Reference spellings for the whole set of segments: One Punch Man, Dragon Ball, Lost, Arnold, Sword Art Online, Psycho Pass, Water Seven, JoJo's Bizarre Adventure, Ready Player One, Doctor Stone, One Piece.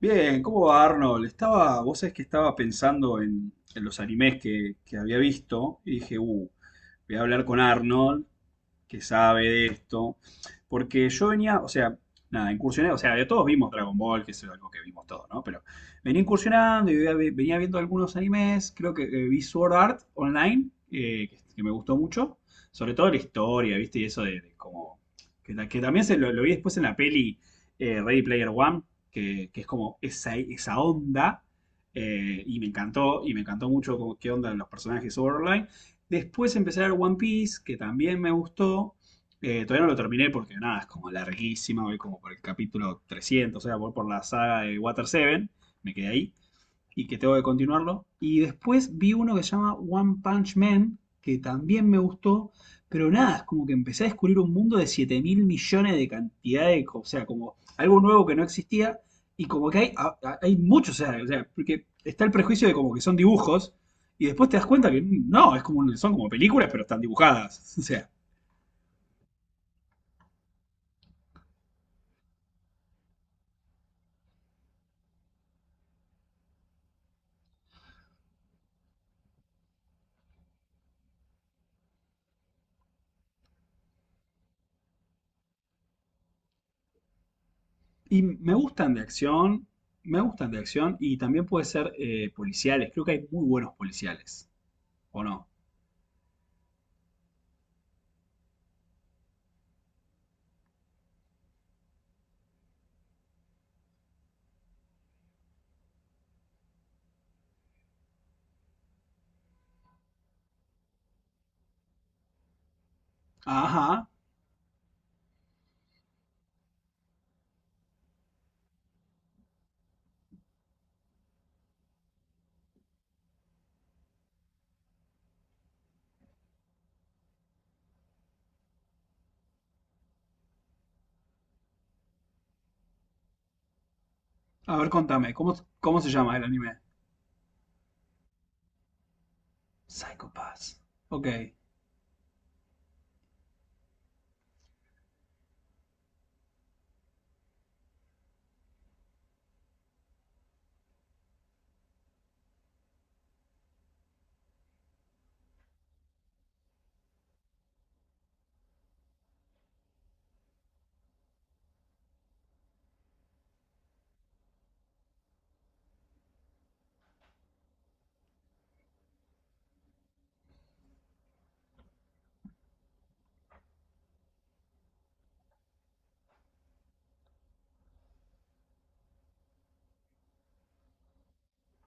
Bien, ¿cómo va Arnold? Estaba, vos sabés que estaba pensando en los animes que había visto y dije, voy a hablar con Arnold que sabe de esto. Porque yo venía, o sea, nada, incursioné, o sea, ya todos vimos Dragon Ball, que es algo que vimos todos, ¿no? Pero venía incursionando y venía viendo algunos animes, creo que vi Sword Art Online, que me gustó mucho, sobre todo la historia, ¿viste? Y eso de como, que también se lo vi después en la peli Ready Player One, que es como esa onda, y me encantó mucho como qué onda los personajes de Sword Art Online. Después empecé a ver One Piece, que también me gustó. Todavía no lo terminé porque nada, es como larguísima, voy como por el capítulo 300, o sea, voy por la saga de Water Seven, me quedé ahí y que tengo que continuarlo. Y después vi uno que se llama One Punch Man, que también me gustó, pero nada, es como que empecé a descubrir un mundo de 7.000 millones de cantidad de, o sea, como algo nuevo que no existía, y como que hay muchos, o sea, porque está el prejuicio de como que son dibujos, y después te das cuenta que no, es como, son como películas, pero están dibujadas, o sea, y me gustan de acción, me gustan de acción, y también puede ser policiales, creo que hay muy buenos policiales, ¿o no? Ajá, a ver, contame, ¿cómo se llama el anime? Psycho Pass. Ok.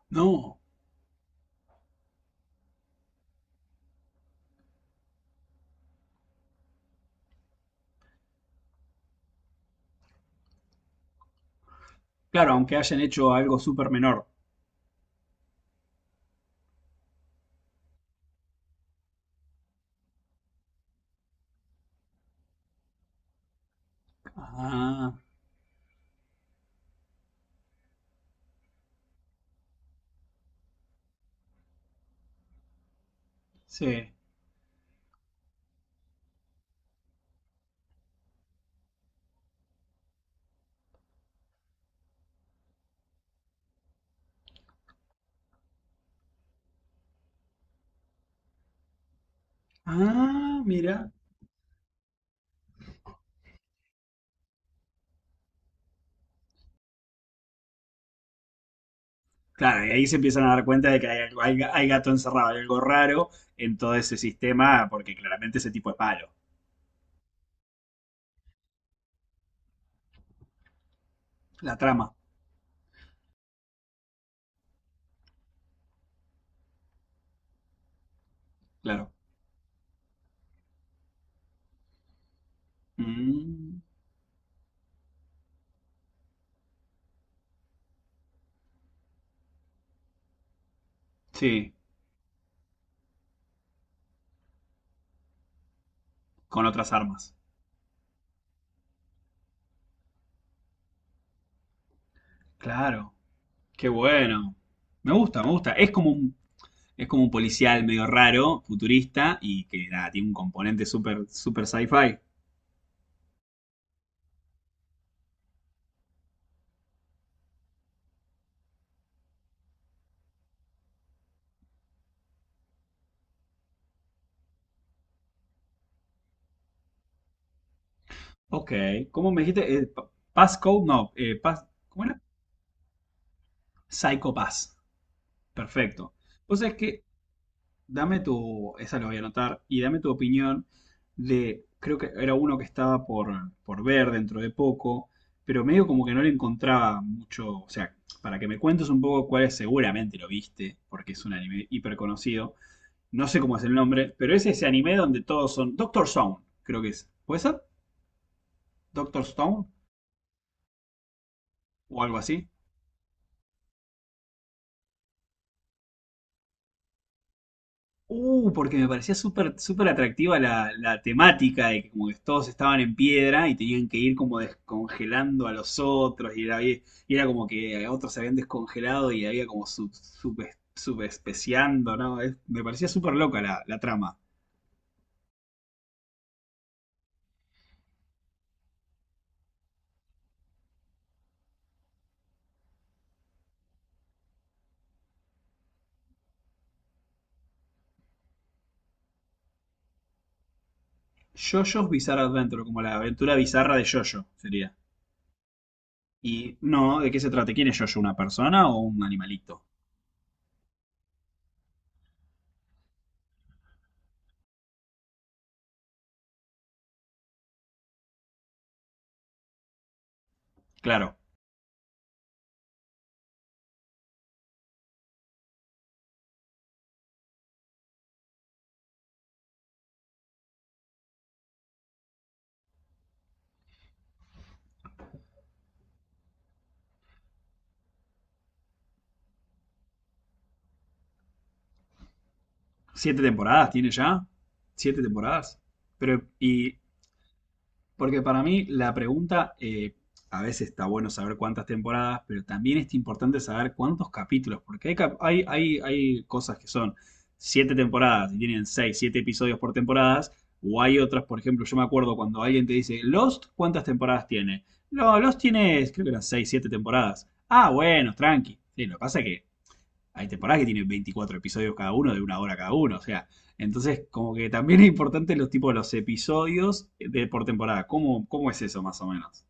No. Claro, aunque hayan hecho algo súper menor. Ah, sí. Ah, mira. Claro, y ahí se empiezan a dar cuenta de que hay gato encerrado, hay algo raro en todo ese sistema, porque claramente ese tipo es malo. La trama, claro. Mm, sí, con otras armas. Claro. Qué bueno. Me gusta, me gusta. Es como un policial medio raro, futurista, y que nada, tiene un componente súper super sci-fi. Ok, ¿cómo me dijiste? Passcode, no, ¿cómo era? Psycho Pass. Perfecto. Vos sabés que, dame tu, esa lo voy a anotar, y dame tu opinión de, creo que era uno que estaba por ver dentro de poco, pero medio como que no le encontraba mucho, o sea, para que me cuentes un poco cuál es, seguramente lo viste, porque es un anime hiper conocido. No sé cómo es el nombre, pero es ese anime donde todos son. Doctor Stone, creo que es. ¿Puede ser? ¿Doctor Stone? O algo así. Porque me parecía súper súper atractiva la temática de que como que todos estaban en piedra y tenían que ir como descongelando a los otros y era como que otros se habían descongelado y había como subespeciando, ¿no? Me parecía súper loca la trama. JoJo's Bizarre Adventure, como la aventura bizarra de JoJo sería. Y no, ¿de qué se trata? ¿Quién es Jojo? ¿Una persona o un animalito? Claro. ¿Siete temporadas tiene ya? ¿Siete temporadas? Pero, y Porque para mí la pregunta, a veces está bueno saber cuántas temporadas, pero también es importante saber cuántos capítulos, porque hay, cap- hay cosas que son siete temporadas y tienen seis, siete episodios por temporadas, o hay otras, por ejemplo, yo me acuerdo cuando alguien te dice, Lost, ¿cuántas temporadas tiene? No, Lost tiene, creo que eran seis, siete temporadas. Ah, bueno, tranqui. Sí, lo que pasa es que hay temporadas que tienen 24 episodios cada uno, de una hora cada uno. O sea, entonces como que también es importante los tipos, de los episodios de, por temporada. ¿Cómo es eso más o menos?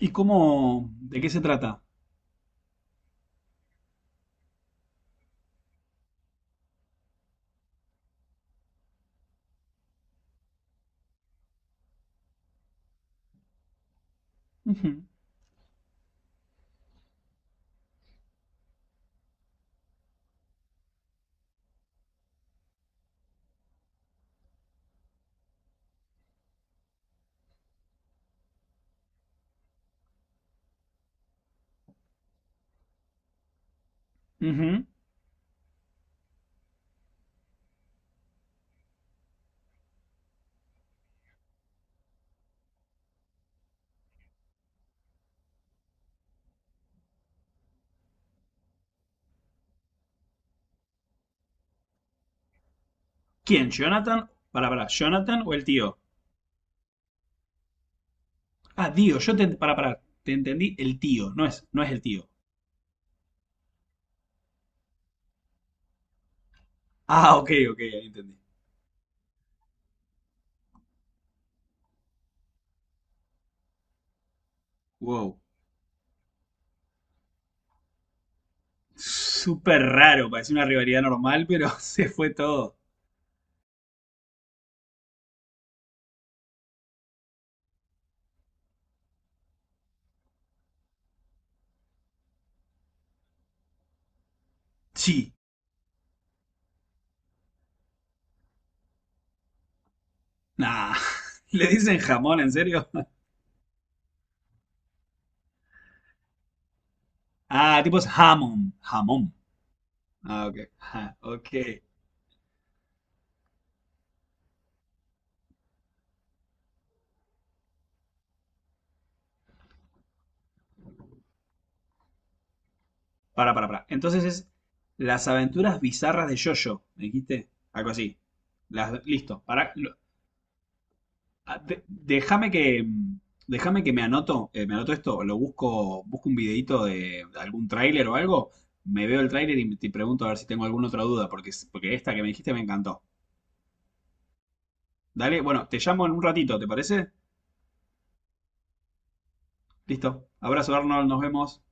¿Y cómo, de qué se trata? Ujú, ujú. ¿Quién? ¿Jonathan? Para, ¿Jonathan o el tío? Ah, tío. Yo te, para, te entendí, el tío, no es el tío. Ah, ok, ok, ahí entendí. Wow. Súper raro, parecía una rivalidad normal, pero se fue todo. Sí. Nah. ¿Le dicen jamón, en serio? Ah, tipo es jamón. Jamón. Ah, ok. Ja, ok. Para, para. Entonces es las aventuras bizarras de Jojo, ¿me dijiste? Algo así. Listo. Para, déjame que. mm, Déjame que me anoto esto, lo busco, busco un videito de algún tráiler o algo, me veo el tráiler y te pregunto a ver si tengo alguna otra duda, porque esta que me dijiste me encantó. Dale, bueno, te llamo en un ratito, ¿te parece? Listo. Abrazo, Arnold, nos vemos.